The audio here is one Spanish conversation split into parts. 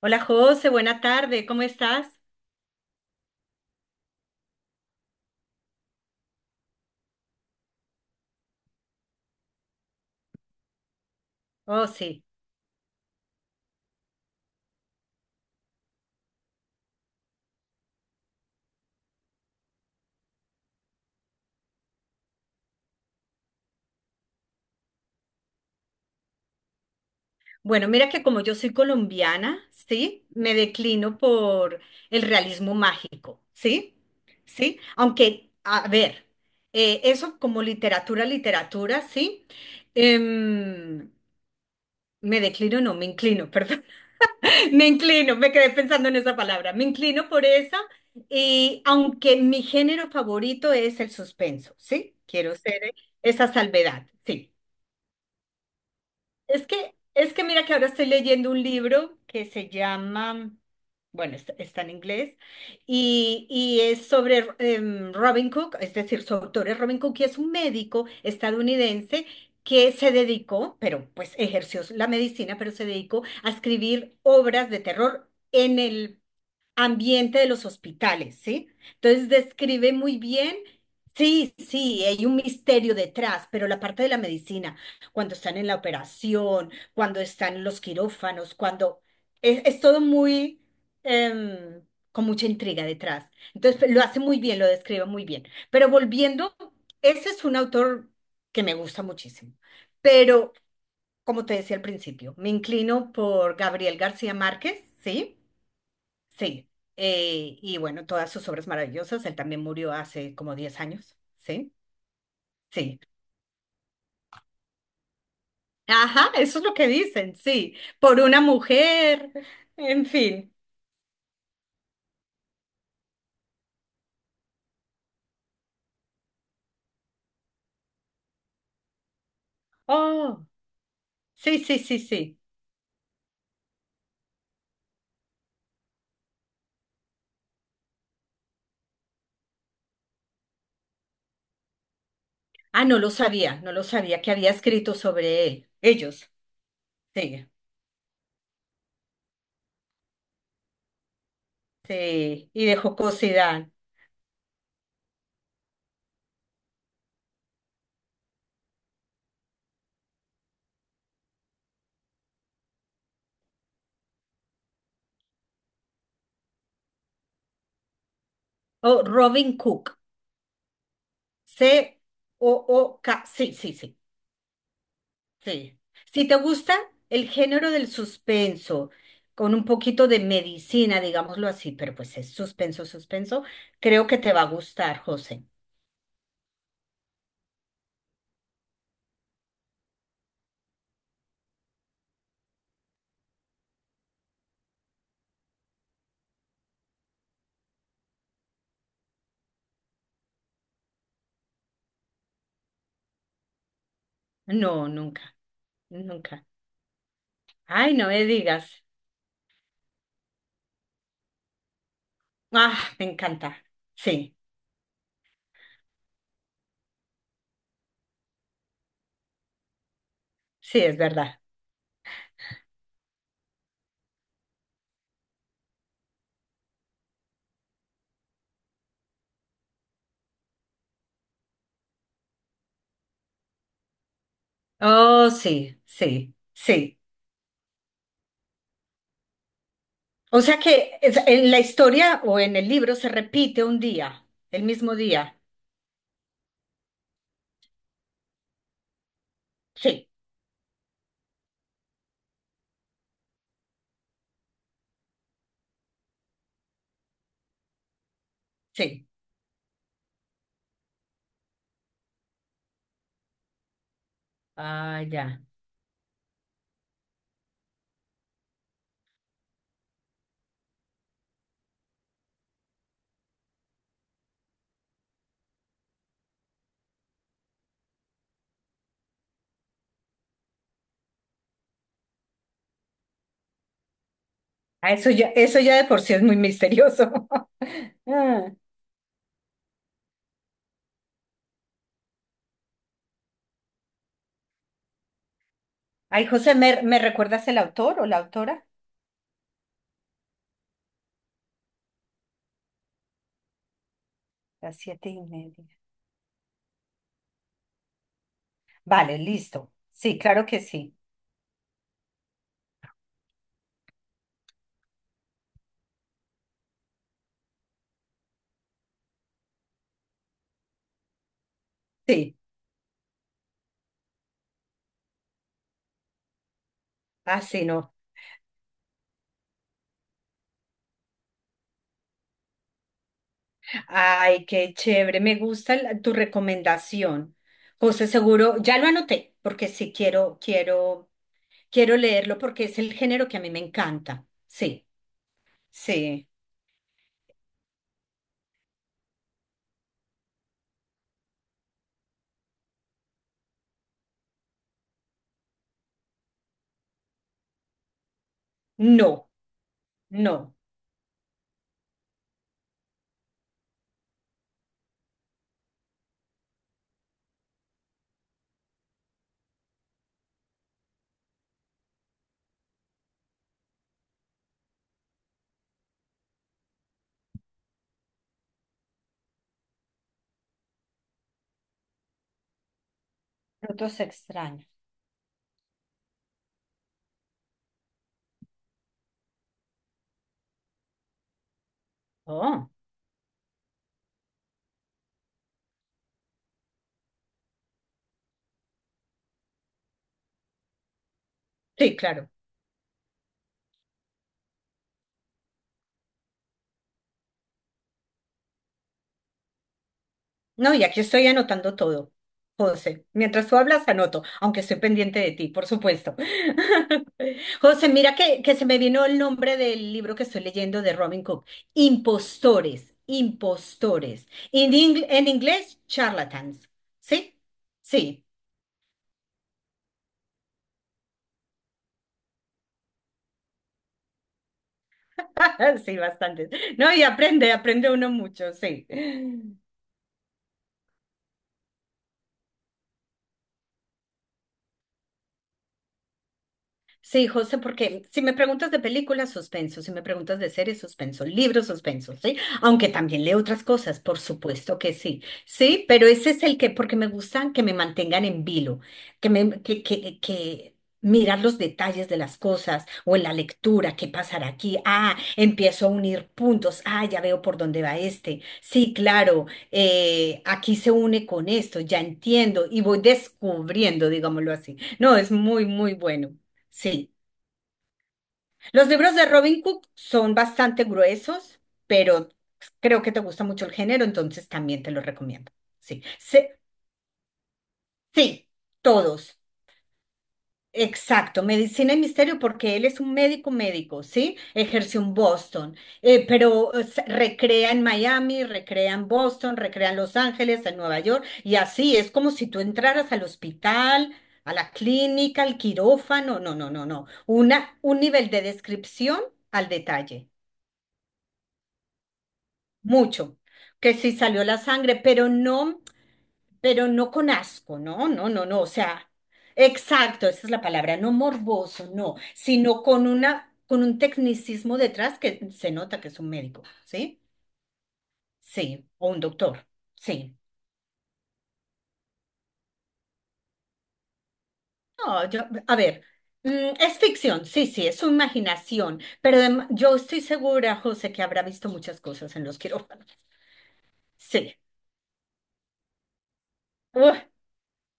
Hola José, buena tarde, ¿cómo estás? Oh, sí. Bueno, mira que como yo soy colombiana, ¿sí? Me declino por el realismo mágico, ¿sí? ¿Sí? Aunque, a ver, eso como literatura, literatura, ¿sí? Em, me declino, no, me inclino, perdón. Me inclino, me quedé pensando en esa palabra. Me inclino por esa y aunque mi género favorito es el suspenso, ¿sí? Quiero ser esa salvedad, sí. Es que mira que ahora estoy leyendo un libro que se llama, bueno, está en inglés, y es sobre Robin Cook, es decir, su autor es Robin Cook, y es un médico estadounidense que se dedicó, pero pues ejerció la medicina, pero se dedicó a escribir obras de terror. En el ambiente de los hospitales, ¿sí? Entonces describe muy bien, sí, sí, hay un misterio detrás, pero la parte de la medicina, cuando están en la operación, cuando están en los quirófanos, cuando es todo muy, em, con mucha intriga detrás. Entonces lo hace muy bien, lo describe muy bien. Pero volviendo, ese es un autor que me gusta muchísimo, pero como te decía al principio, me inclino por Gabriel García Márquez, ¿sí? Sí, y bueno, todas sus obras maravillosas. Él también murió hace como 10 años, ¿sí? Sí. Ajá, eso es lo que dicen, sí. Por una mujer, en fin. Oh, sí, sí, sí, sí. Ah, no lo sabía, no lo sabía que había escrito sobre él. Ellos, sí, sí. Y de jocosidad. Oh, Robin Cook, C-O-O-K, sí, sí, sí. Sí. Si te gusta el género del suspenso, con un poquito de medicina, digámoslo así, pero pues es suspenso, suspenso, creo que te va a gustar, José. No, nunca, nunca. Ay, no me digas. Ah, me encanta. Sí, sí, es verdad. Oh, sí, sí, sí. O sea que en la historia o en el libro se repite un día, el mismo día. Sí, sí. Ah, ya. Ah, eso ya, eso ya de por sí es muy misterioso. Ah. Ay, José, ¿me recuerdas el autor o la autora? Las siete y media. Vale, listo. Sí, claro que sí. Sí, así no. Ay, qué chévere. Me gusta tu recomendación. José, seguro, ya lo anoté, porque sí quiero leerlo porque es el género que a mí me encanta. Sí, sí. No, no. Frutos extraños. Oh, sí, claro. No, y aquí estoy anotando todo, José. Mientras tú hablas, anoto, aunque estoy pendiente de ti, por supuesto. José, mira que se me vino el nombre del libro que estoy leyendo de Robin Cook. Impostores, impostores. En inglés, charlatans. ¿Sí? Sí. Sí, bastante. No, y aprende uno mucho, sí. Sí, José, porque si me preguntas de películas, suspenso, si me preguntas de series, suspenso, libros, suspenso, ¿sí? Aunque también leo otras cosas, por supuesto que sí, sí, pero ese es el que, porque me gustan que me mantengan en vilo, que me, que mirar los detalles de las cosas o en la lectura, qué pasará aquí, ah, empiezo a unir puntos, ah, ya veo por dónde va este, sí, claro, aquí se une con esto, ya entiendo y voy descubriendo, digámoslo así. No, es muy, muy bueno. Sí. Los libros de Robin Cook son bastante gruesos, pero creo que te gusta mucho el género, entonces también te los recomiendo. Sí. Sí, sí, todos. Exacto, medicina y misterio, porque él es un médico médico, ¿sí? Ejerció en Boston, pero recrea en Miami, recrea en Boston, recrea en Los Ángeles, en Nueva York, y así es como si tú entraras al hospital, a la clínica, al quirófano, no, no, no, no. Un nivel de descripción al detalle. Mucho, que sí salió la sangre, pero no con asco, no, no, no, no, o sea, exacto, esa es la palabra, no morboso, no, sino con un tecnicismo detrás que se nota que es un médico, ¿sí? Sí, o un doctor, sí. No, a ver, es ficción, sí, sí, es su imaginación, pero yo estoy segura, José, que habrá visto muchas cosas en los quirófanos. Sí.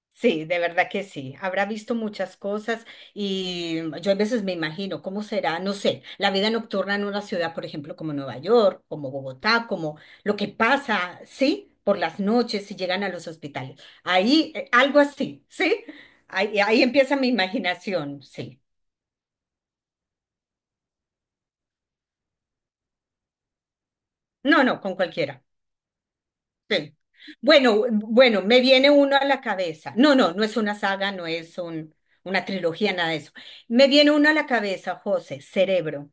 Sí, de verdad que sí. Habrá visto muchas cosas y yo a veces me imagino cómo será, no sé, la vida nocturna en una ciudad, por ejemplo, como Nueva York, como Bogotá, como lo que pasa, ¿sí? Por las noches si llegan a los hospitales. Ahí, algo así, ¿sí? Ahí empieza mi imaginación, sí. No, no, con cualquiera. Sí. Bueno, bueno, me viene uno a la cabeza. No, no, no es una saga, no es una trilogía, nada de eso. Me viene uno a la cabeza, José, Cerebro.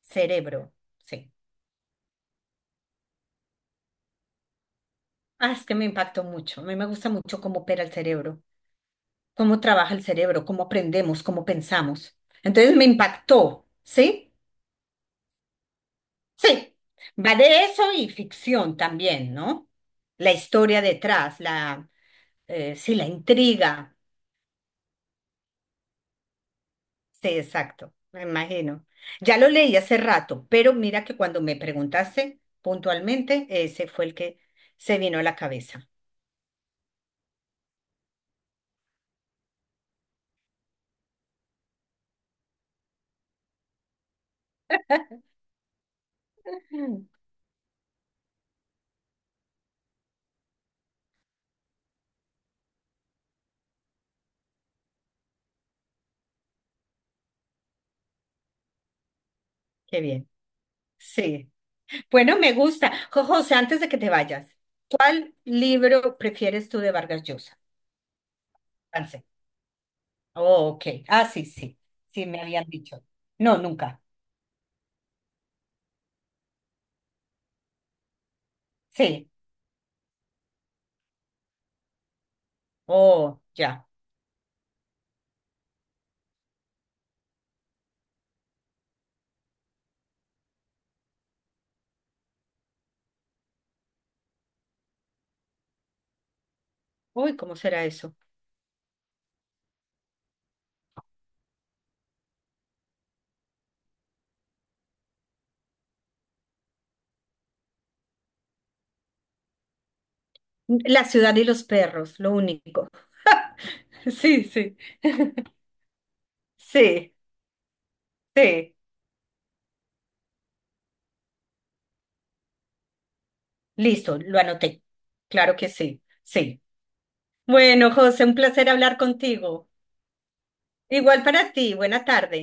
Cerebro, sí. Ah, es que me impactó mucho. A mí me gusta mucho cómo opera el cerebro, cómo trabaja el cerebro, cómo aprendemos, cómo pensamos. Entonces me impactó, ¿sí? Sí. Va de eso y ficción también, ¿no? La historia detrás, sí, la intriga. Sí, exacto, me imagino. Ya lo leí hace rato, pero mira que cuando me preguntaste puntualmente, ese fue el que se vino a la cabeza. Mm. Qué bien. Sí. Bueno, me gusta. José, antes de que te vayas, ¿cuál libro prefieres tú de Vargas Llosa? Avance. Oh, ok. Ah, sí, sí. Sí, me habían dicho. No, nunca. Sí. Oh, ya. Uy, ¿cómo será eso? La ciudad y los perros, lo único. Sí, sí. Sí, sí. Listo, lo anoté. Claro que sí, sí. Bueno, José, un placer hablar contigo. Igual para ti. Buena tarde.